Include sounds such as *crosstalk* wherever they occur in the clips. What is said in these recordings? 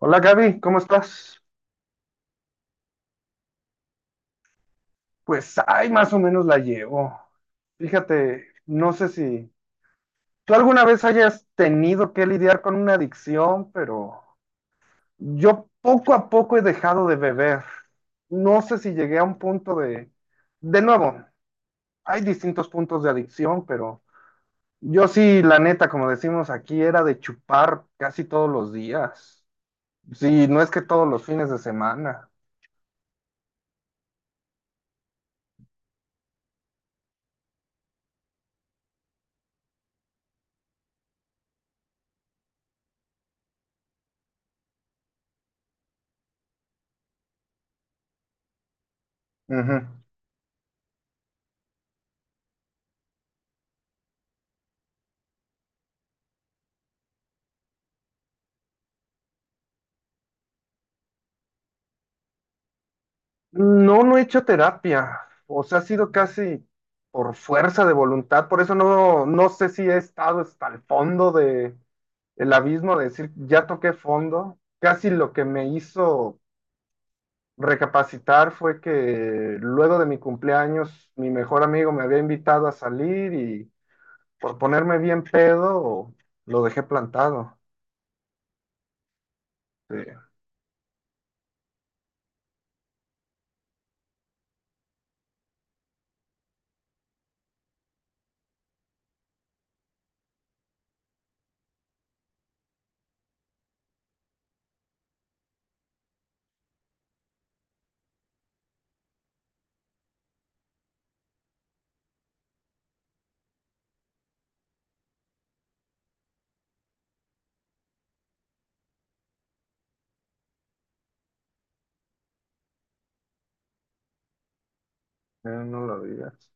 Hola Gaby, ¿cómo estás? Pues, ay, más o menos la llevo. Fíjate, no sé si tú alguna vez hayas tenido que lidiar con una adicción, pero yo poco a poco he dejado de beber. No sé si llegué a un punto de... De nuevo, hay distintos puntos de adicción, pero yo sí, la neta, como decimos aquí, era de chupar casi todos los días. Sí, no es que todos los fines de semana. Ujú. No, no he hecho terapia. O sea, ha sido casi por fuerza de voluntad. Por eso no, no sé si he estado hasta el fondo de el abismo, de decir, ya toqué fondo. Casi lo que me hizo recapacitar fue que luego de mi cumpleaños, mi mejor amigo me había invitado a salir y por ponerme bien pedo, lo dejé plantado. Sí, no lo digas.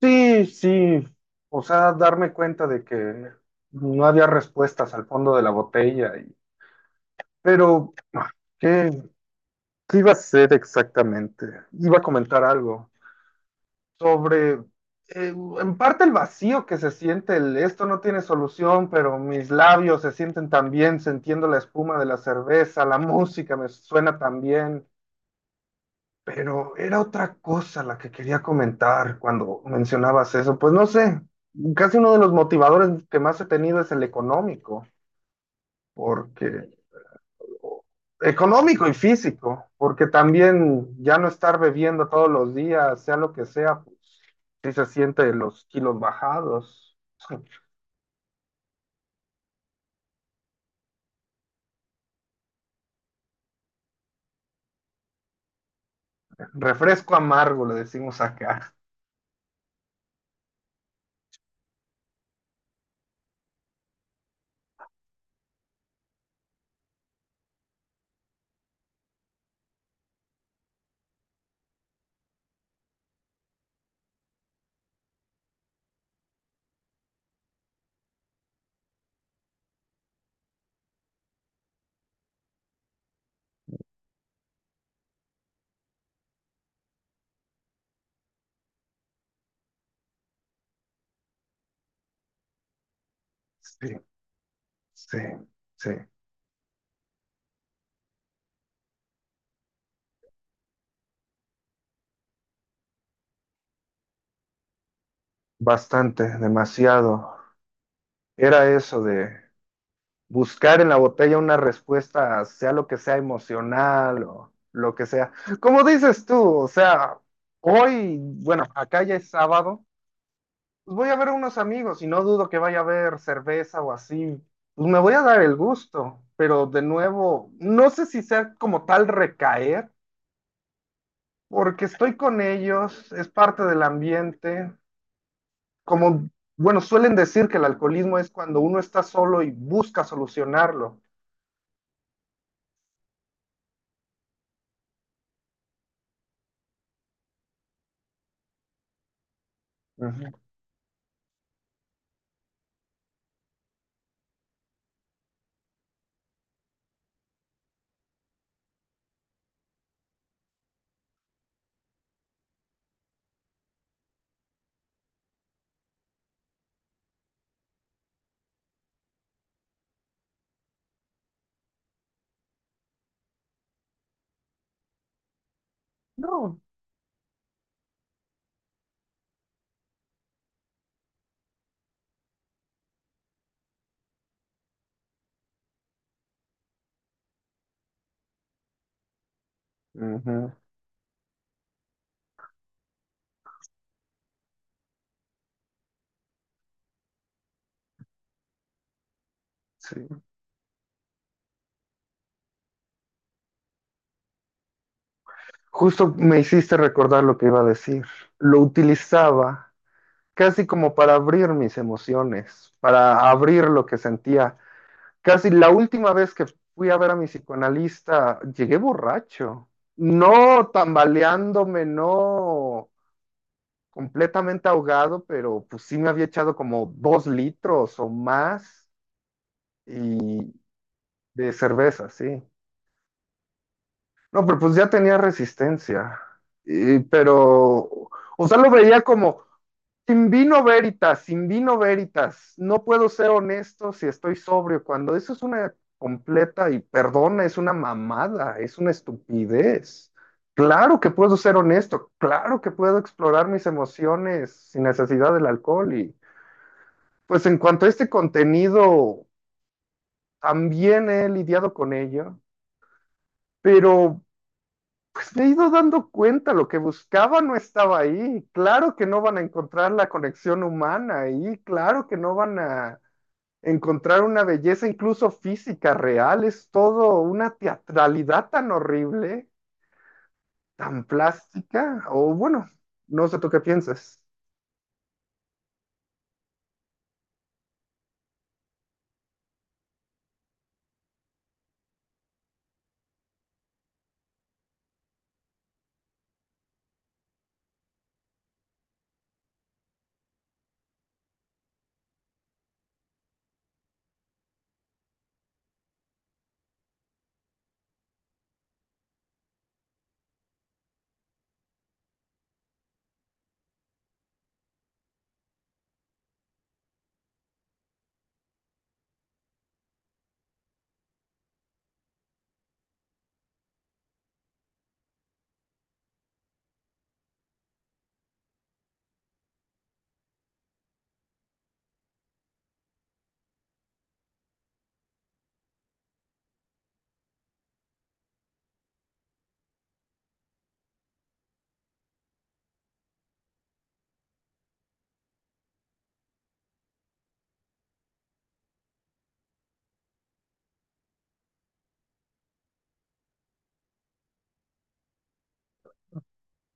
Sí, sí, o sea, darme cuenta de que no había respuestas al fondo de la botella, pero ¿qué, qué iba a hacer exactamente? Iba a comentar algo sobre, eh, en parte el vacío que se siente, el esto no tiene solución, pero mis labios se sienten tan bien, sintiendo la espuma de la cerveza, la *laughs* música me suena también. Pero era otra cosa la que quería comentar cuando mencionabas eso. Pues no sé, casi uno de los motivadores que más he tenido es el económico, porque económico y físico, porque también ya no estar bebiendo todos los días, sea lo que sea, pues sí se siente los kilos bajados. *laughs* Refresco amargo, le decimos acá. Sí, sí, sí, bastante, demasiado. Era eso de buscar en la botella una respuesta, sea lo que sea emocional o lo que sea. Como dices tú, o sea, hoy, bueno, acá ya es sábado, pues voy a ver a unos amigos y no dudo que vaya a haber cerveza o así. Pues me voy a dar el gusto, pero de nuevo, no sé si sea como tal recaer, porque estoy con ellos, es parte del ambiente, como... Bueno, suelen decir que el alcoholismo es cuando uno está solo y busca solucionarlo. Ujú. No, Ujú, sí. Justo me hiciste recordar lo que iba a decir. Lo utilizaba casi como para abrir mis emociones, para abrir lo que sentía. Casi la última vez que fui a ver a mi psicoanalista, llegué borracho. No tambaleándome, no completamente ahogado, pero pues sí me había echado como dos litros o más y de cerveza, sí. No, pero pues ya tenía resistencia. Pero, o sea, lo veía como, sin vino veritas, sin vino veritas, no puedo ser honesto si estoy sobrio, cuando eso es una completa, y perdona, es una mamada, es una estupidez. Claro que puedo ser honesto, claro que puedo explorar mis emociones sin necesidad del alcohol. Y pues en cuanto a este contenido, también he lidiado con ello, pero... pues me he ido dando cuenta, lo que buscaba no estaba ahí. Claro que no van a encontrar la conexión humana ahí, claro que no van a encontrar una belleza incluso física real, es todo una teatralidad tan horrible, tan plástica, o bueno, no sé tú qué piensas.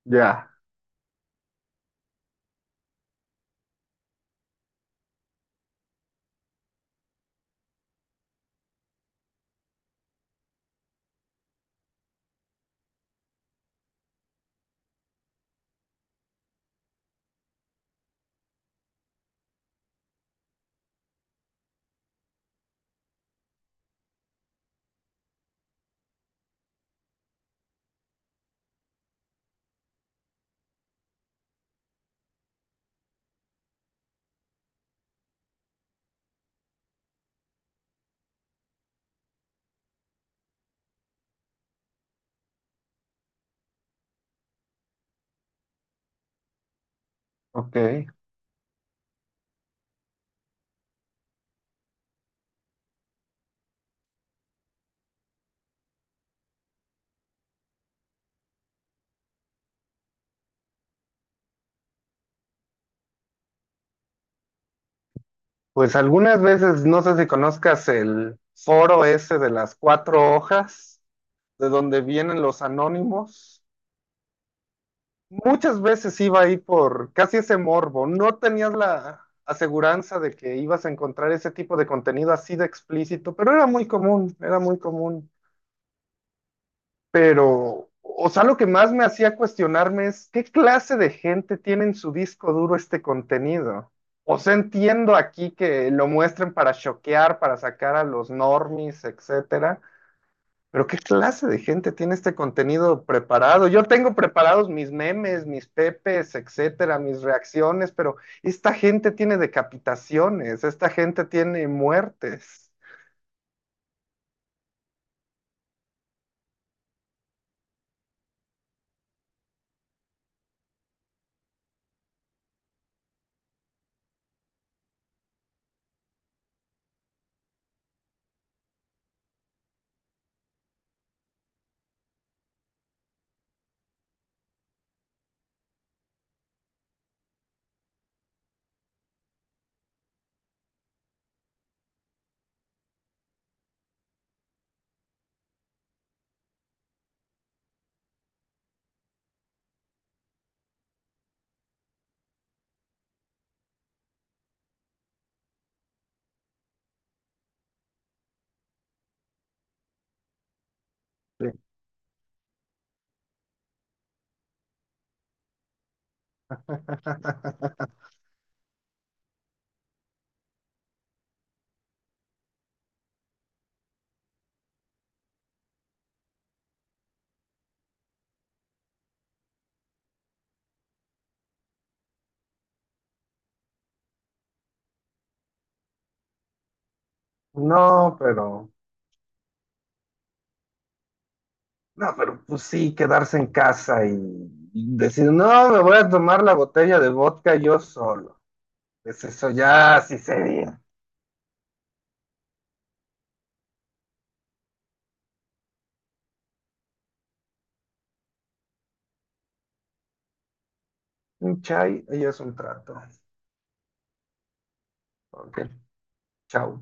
Ya, ok. Pues algunas veces, no sé si conozcas el foro ese de las cuatro hojas, de donde vienen los anónimos. Muchas veces iba ahí por casi ese morbo. No tenías la aseguranza de que ibas a encontrar ese tipo de contenido así de explícito, pero era muy común, era muy común. Pero, o sea, lo que más me hacía cuestionarme es qué clase de gente tiene en su disco duro este contenido. O sea, entiendo aquí que lo muestren para choquear, para sacar a los normies, etcétera, pero ¿qué clase de gente tiene este contenido preparado? Yo tengo preparados mis memes, mis pepes, etcétera, mis reacciones, pero esta gente tiene decapitaciones, esta gente tiene muertes. Sí. *laughs* No, pero, no, pero pues sí, quedarse en casa y, decir, no, me voy a tomar la botella de vodka yo solo. Pues eso ya sí sería. Un chai y es un trato. Ok, chao.